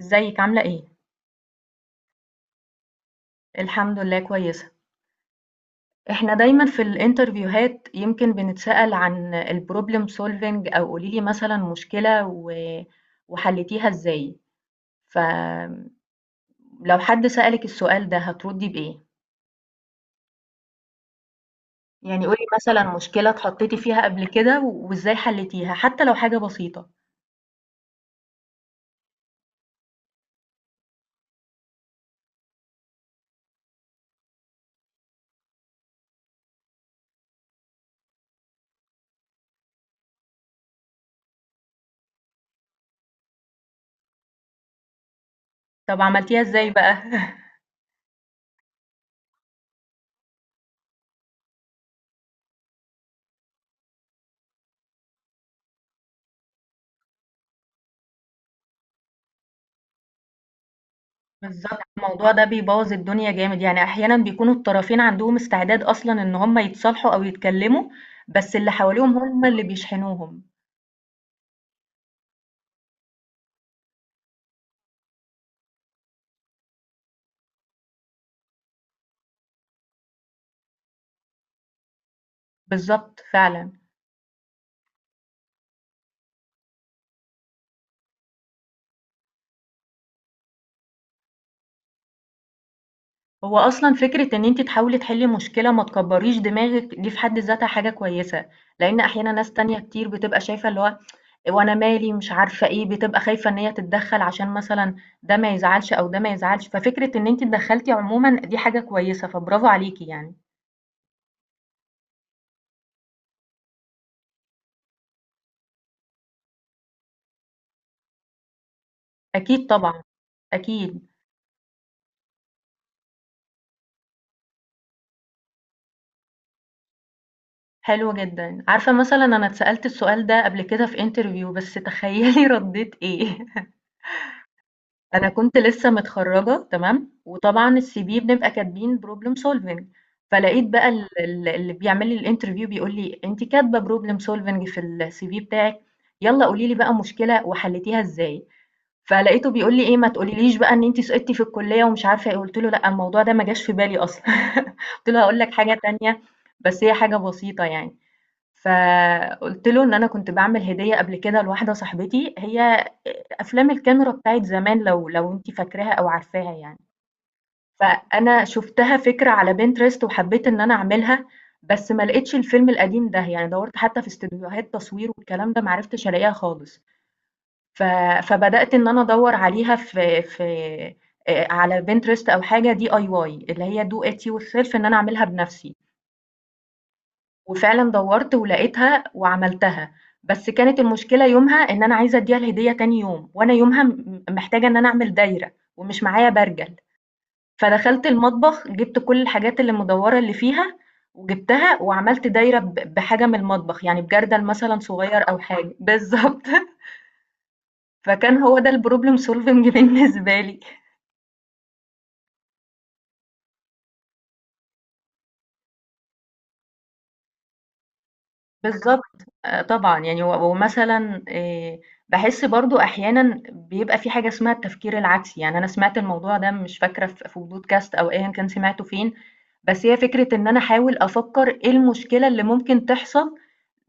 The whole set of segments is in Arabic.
ازيك عاملة ايه؟ الحمد لله كويسة. احنا دايما في الانترفيوهات يمكن بنتسأل عن البروبلم سولفينج او قوليلي مثلا مشكلة وحلتيها ازاي. فلو حد سألك السؤال ده هتردي بإيه؟ يعني قولي مثلا مشكلة اتحطيتي فيها قبل كده وازاي حلتيها حتى لو حاجة بسيطة. طب عملتيها ازاي بقى؟ بالضبط، الموضوع ده بيبوّظ الدنيا جامد، يعني أحيانًا بيكونوا الطرفين عندهم استعداد أصلًا إن هم يتصالحوا أو يتكلّموا، بس اللي حواليهم هم اللي بيشحنوهم. بالضبط فعلًا. هو أصلًا فكرة إن أنتِ تحاولي تحلّي مشكلة ما تكبّريش دماغِك دي في حد ذاتها حاجة كويسة، لإن أحيانًا ناس تانية كتير بتبقى شايفة اللي هو وأنا مالي مش عارفة إيه، بتبقى خايفة إن هي تتدخّل عشان مثلًا ده ما يزعلش أو ده ما يزعلش، ففكرة إن أنتِ اتدخّلتِ عمومًا دي حاجة كويسة، فبرافو عليكِ يعني. أكيد طبعًا. أكيد. حلو جدًا. عارفة مثلًا أنا اتسألت السؤال ده قبل كده في interview بس تخيّلي ردّيت إيه؟ أنا كنت لسّه متخرّجة تمام، وطبعًا الCV بنبقى كاتبين problem solving، فلقيت بقى ال اللي بيعمل لي الinterview بيقول لي: "أنتِ كاتبة problem solving في الCV بتاعِك، يالّا قولي لي بقى مشكلة وحلّيتيها إزاي." فلقيته بيقول لي إيه: "ما تقوليليش بقى إن أنتِ سقطتِ في الكلية" ومش عارفة إيه، قُلت له: "لأ، الموضوع ده ما جاش في بالي أصلًا." قُلت له: "هاقول لك حاجة تانية بس هي حاجة بسيطة يعني." فقُلت له إن أنا كنت باعمل هدية قبل كده لواحدة صاحبتي، هي أفلام الكاميرا بتاعة زمان لو أنتِ فاكراها أو عارفاها يعني. فأنا شُفتها فكرة على Pinterest وحبّيت إن أنا أعملها، بس ما لقيتش الفيلم القديم ده، يعني دَوَّرت حتى في استوديوهات تصوير والكلام ده ما عرفتش ألاقيها خالص. ف فبدأت إن أنا أدوّر عليها في على Pinterest أو حاجة DIY اللي هي do it yourself إن أنا أعملها بنَفْسي. وفعلًا دوّرت ولقيتها وعملتها، بس كانت المشكلة يومها إن أنا عايزة أدّيها الهدية تاني يوم، وأنا يومها محتاجة إن أنا أعمل دايرة ومش معايا برجل، فدخلت المطبخ جِبت كل الحاجات اللي مدوّرة اللي فيها وجِبتها وعملت دايرة بحاجة من المطبخ، يعني بجردل مثلًا صغير أو حاجة بالضبط. فكان هو ده الproblem solving بالنسبة لي. بالضبط. طبعًا، يعني ومثلًا باحس برضه أحيانًا بيبقى في حاجة اسمها التفكير العكسي، يعني أنا سمعت الموضوع ده مش فاكرة في podcast أو أيًا كان سمعته فين، بس هي فكرة إن أنا أحاول أفكّر إيه المشكلة اللي ممكن تحصل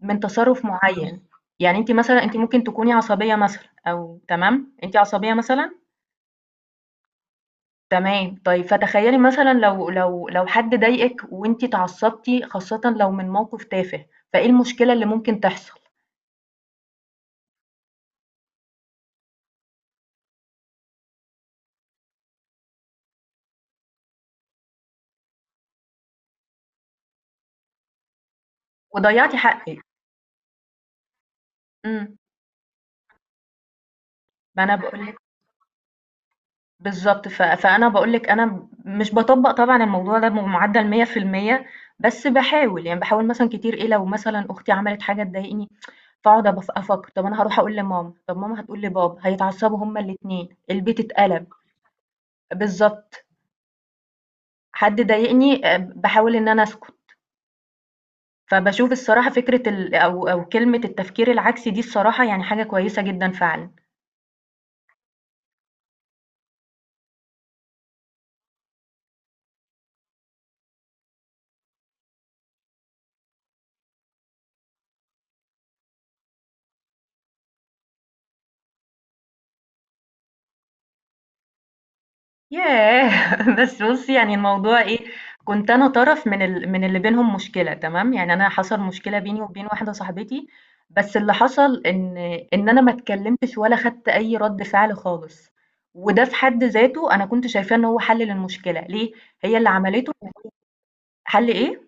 من تصرُّف معيّن. يعني أنتِ مثلًا أنتِ ممكن تكوني عصبية مثلًا أو تمام، أنتِ عصبية مثلًا؟ تمام، طيب فتخيّلي مثلًا لو حد ضايقِك وأنتِ اتعصبتِ خاصةً لو من موقِف تافه، فإيه المشكلة اللي ممكن تحصل؟ وضيّعتِ حقِّك. إمم. ما أنا باقول لِك بالضبط. فأنا باقول لِك أنا مش باطبّق طبعًا الموضوع ده بمعدّل 100% بس باحاول، يعني باحاول مثلًا كتير إيه، لو مثلًا أختي عملت حاجة تضايقني فاقعد أفكّر، طب أنا هاروح أقول لماما، طب ماما هتقول لبابا، هيتعصّبوا هُم الاتنين، البيت اتقلب. بالضبط. حد ضايقني باحاول إن أنا أسكت. فباشوف الصراحة فكرة ال أو أو كلمة التفكير العكسي دي الصراحة يعني حاجة كويسة جدًا فعلًا. ياه! بس بُصّي يعني الموضوع إيه، كنت أنا طرف من اللي بينهم مشكلة تمام، يعني أنا حصل مشكلة بيني وبين واحدة صاحبتي، بس اللي حصل إن أنا ما اتكلمتش ولا خدت أي رد فعل خالص، وده في حد ذاته أنا كنت شايفاه إن هو حل للمشكلة، ليه؟ هي اللي عملته حل إيه؟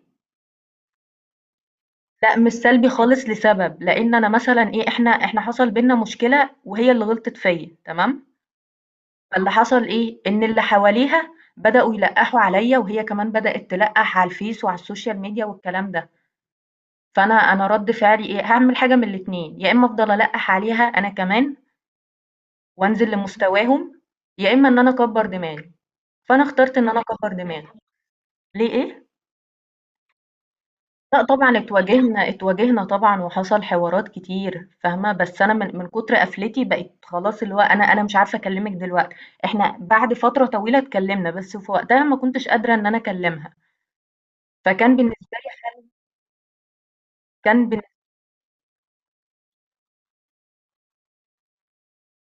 لأ مش سلبي خالص لسبب، لأن أنا مثلًا إيه، إحنا حصل بيننا مشكلة وهي اللي غلطت فيّا تمام؟ فاللي حصل إيه، إن اللي حواليها بدأوا يلقّحوا عليَّ وهي كمان بدأت تلقّح على الفيس وعلى السوشيال ميديا والكلام ده، فأنا رَد فعلي إيه، هاعمل حاجة من الاتنين، يا إمّا أفضل ألقّح عليها أنا كمان وأنزل لمستواهم، يا إمّا إن أنا أكبّر دماغي، فأنا اخترت إن أنا أكبّر دماغي. ليه إيه؟ لأ طبعًا اتواجهنا طبعًا وحصل حوارات كتير فاهمة، بس أنا من كتر قفلتي بقيت خلاص اللي هو أنا مش عارفة أكلّمِك دلوقتي، إحنا بعد فترة طويلة اتكلّمنا، بس في وقتها ما كنتش قادرة إن أنا أكلّمها. فكان بالنسبة لي حل كان بالن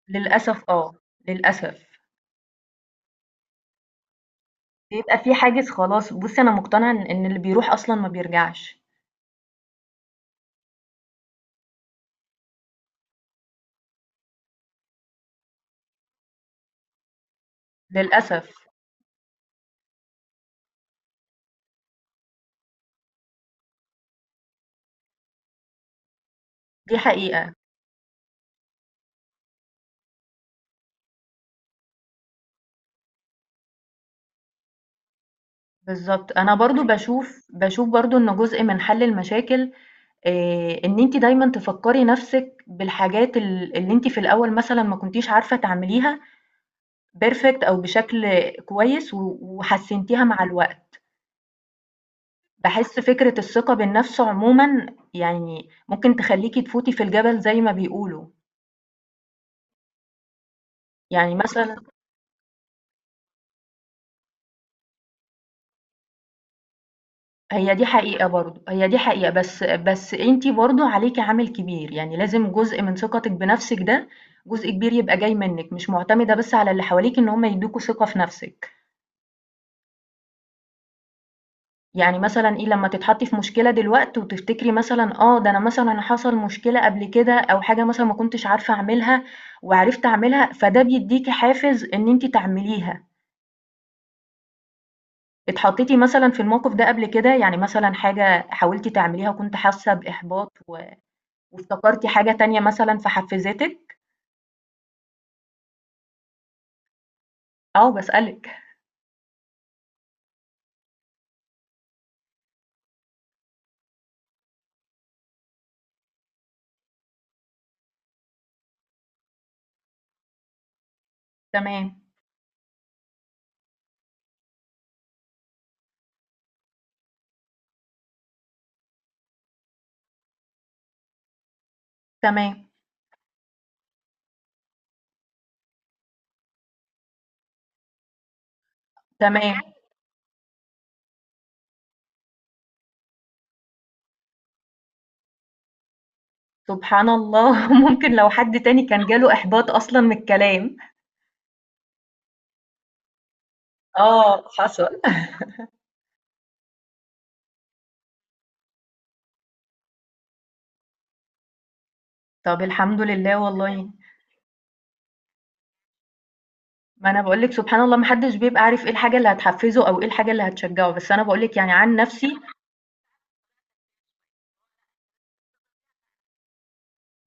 للأسف آه. للأسف. بيبقى في حاجز خلاص بُصّي أنا مقتنعة إن اللي بيروح أصلًا ما بيرجعش. للأسف. دي حقيقة. بالضبط. أنا برضه باشوف برضه إن جزء من حل المشاكل إن أنتِ دايمًا تفكّري نَفْسِك بالحاجات اللي أنتِ في الأول مثلًا ما كنتيش عارفة تعمليها perfect أو بشكل كويس وحسّنتيها مع الوقت. باحس فكرة الثقة بالنفس عمومًا يعني ممكن تخلّيكِ تفوتي في الجبل زي ما بيقولوا. يعني مثلًا هي دي حقيقة برضه، هي دي حقيقة بس أنتِ برضه عليكِ عامل كبير، يعني لازم جزء من ثقتِك بنفسِك ده جزء كبير يبقى جاي منِك، مش مُعتمدة بس على اللي حواليكِ إن هُم يدّوكوا ثقة في نفسِك. يعني مثلًا إيه لمّا تتحطّي في مشكلة دلوقت وتفتكري مثلًا آه، ده أنا مثلًا حصل مشكلة قبل كده أو حاجة مثلًا ما كنتش عارفة أعملها وعرفت أعملها، فده بيدّيكِ حافز إن أنتِ تعمليها. اتحطيتِ مثلًا في الموقف ده قبل كده؟ يعني مثلًا حاجة حاولتِ تعمليها وكنتِ حاسة بإحباط وافتكرتِ حاجة تانية مثلًا فحفزتِك؟ آه باسألِك. تمام، تمام، تمام. سبحان الله ممكن لو حد تاني كان جاله إحباط أصلًا من الكلام. آه حصل. طب الحمد لله والله. ما أنا باقول لِك سبحان الله ما حدش بيبقى عارف إيه الحاجة اللي هتحفزه أو إيه الحاجة اللي هتشجعه، بس أنا باقول لِك يعني عن نفسي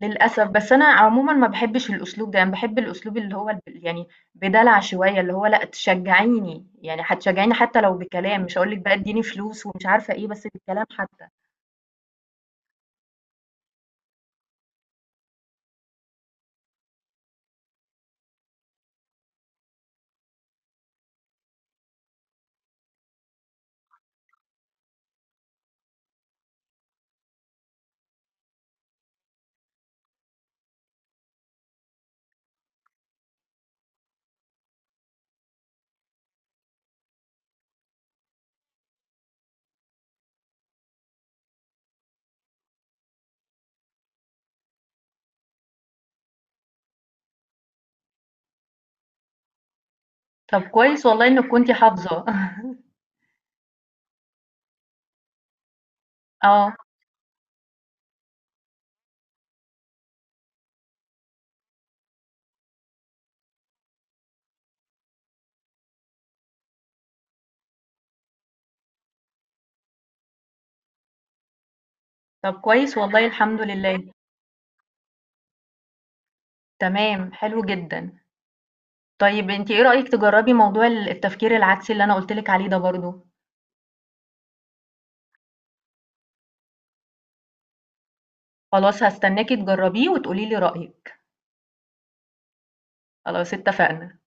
للأسف، بس أنا عمومًا ما باحبّش الأسلوب ده، أنا باحب الأسلوب اللي هو يعني بدلع شوية، اللي هو لأ تشجّعيني، يعني هتشجّعيني حتى لو بكلام، مش هاقول لِك بقى ادّيني فلوس ومش عارفة إيه، بس بالكلام حتى. طب كويس والله إنِّك كنتِ حافظة. آه، طب كويس والله الحمد لله. تمام، حلو جدًا. طيب أنتِ إيه رأيِك تجرّبي موضوع التفكير العكسي اللي أنا قُلت لِك عليه ده برضه؟ خلاص هاستناكِ تجرّبيه وتقولي لي رأيِك، خلاص اتفقنا.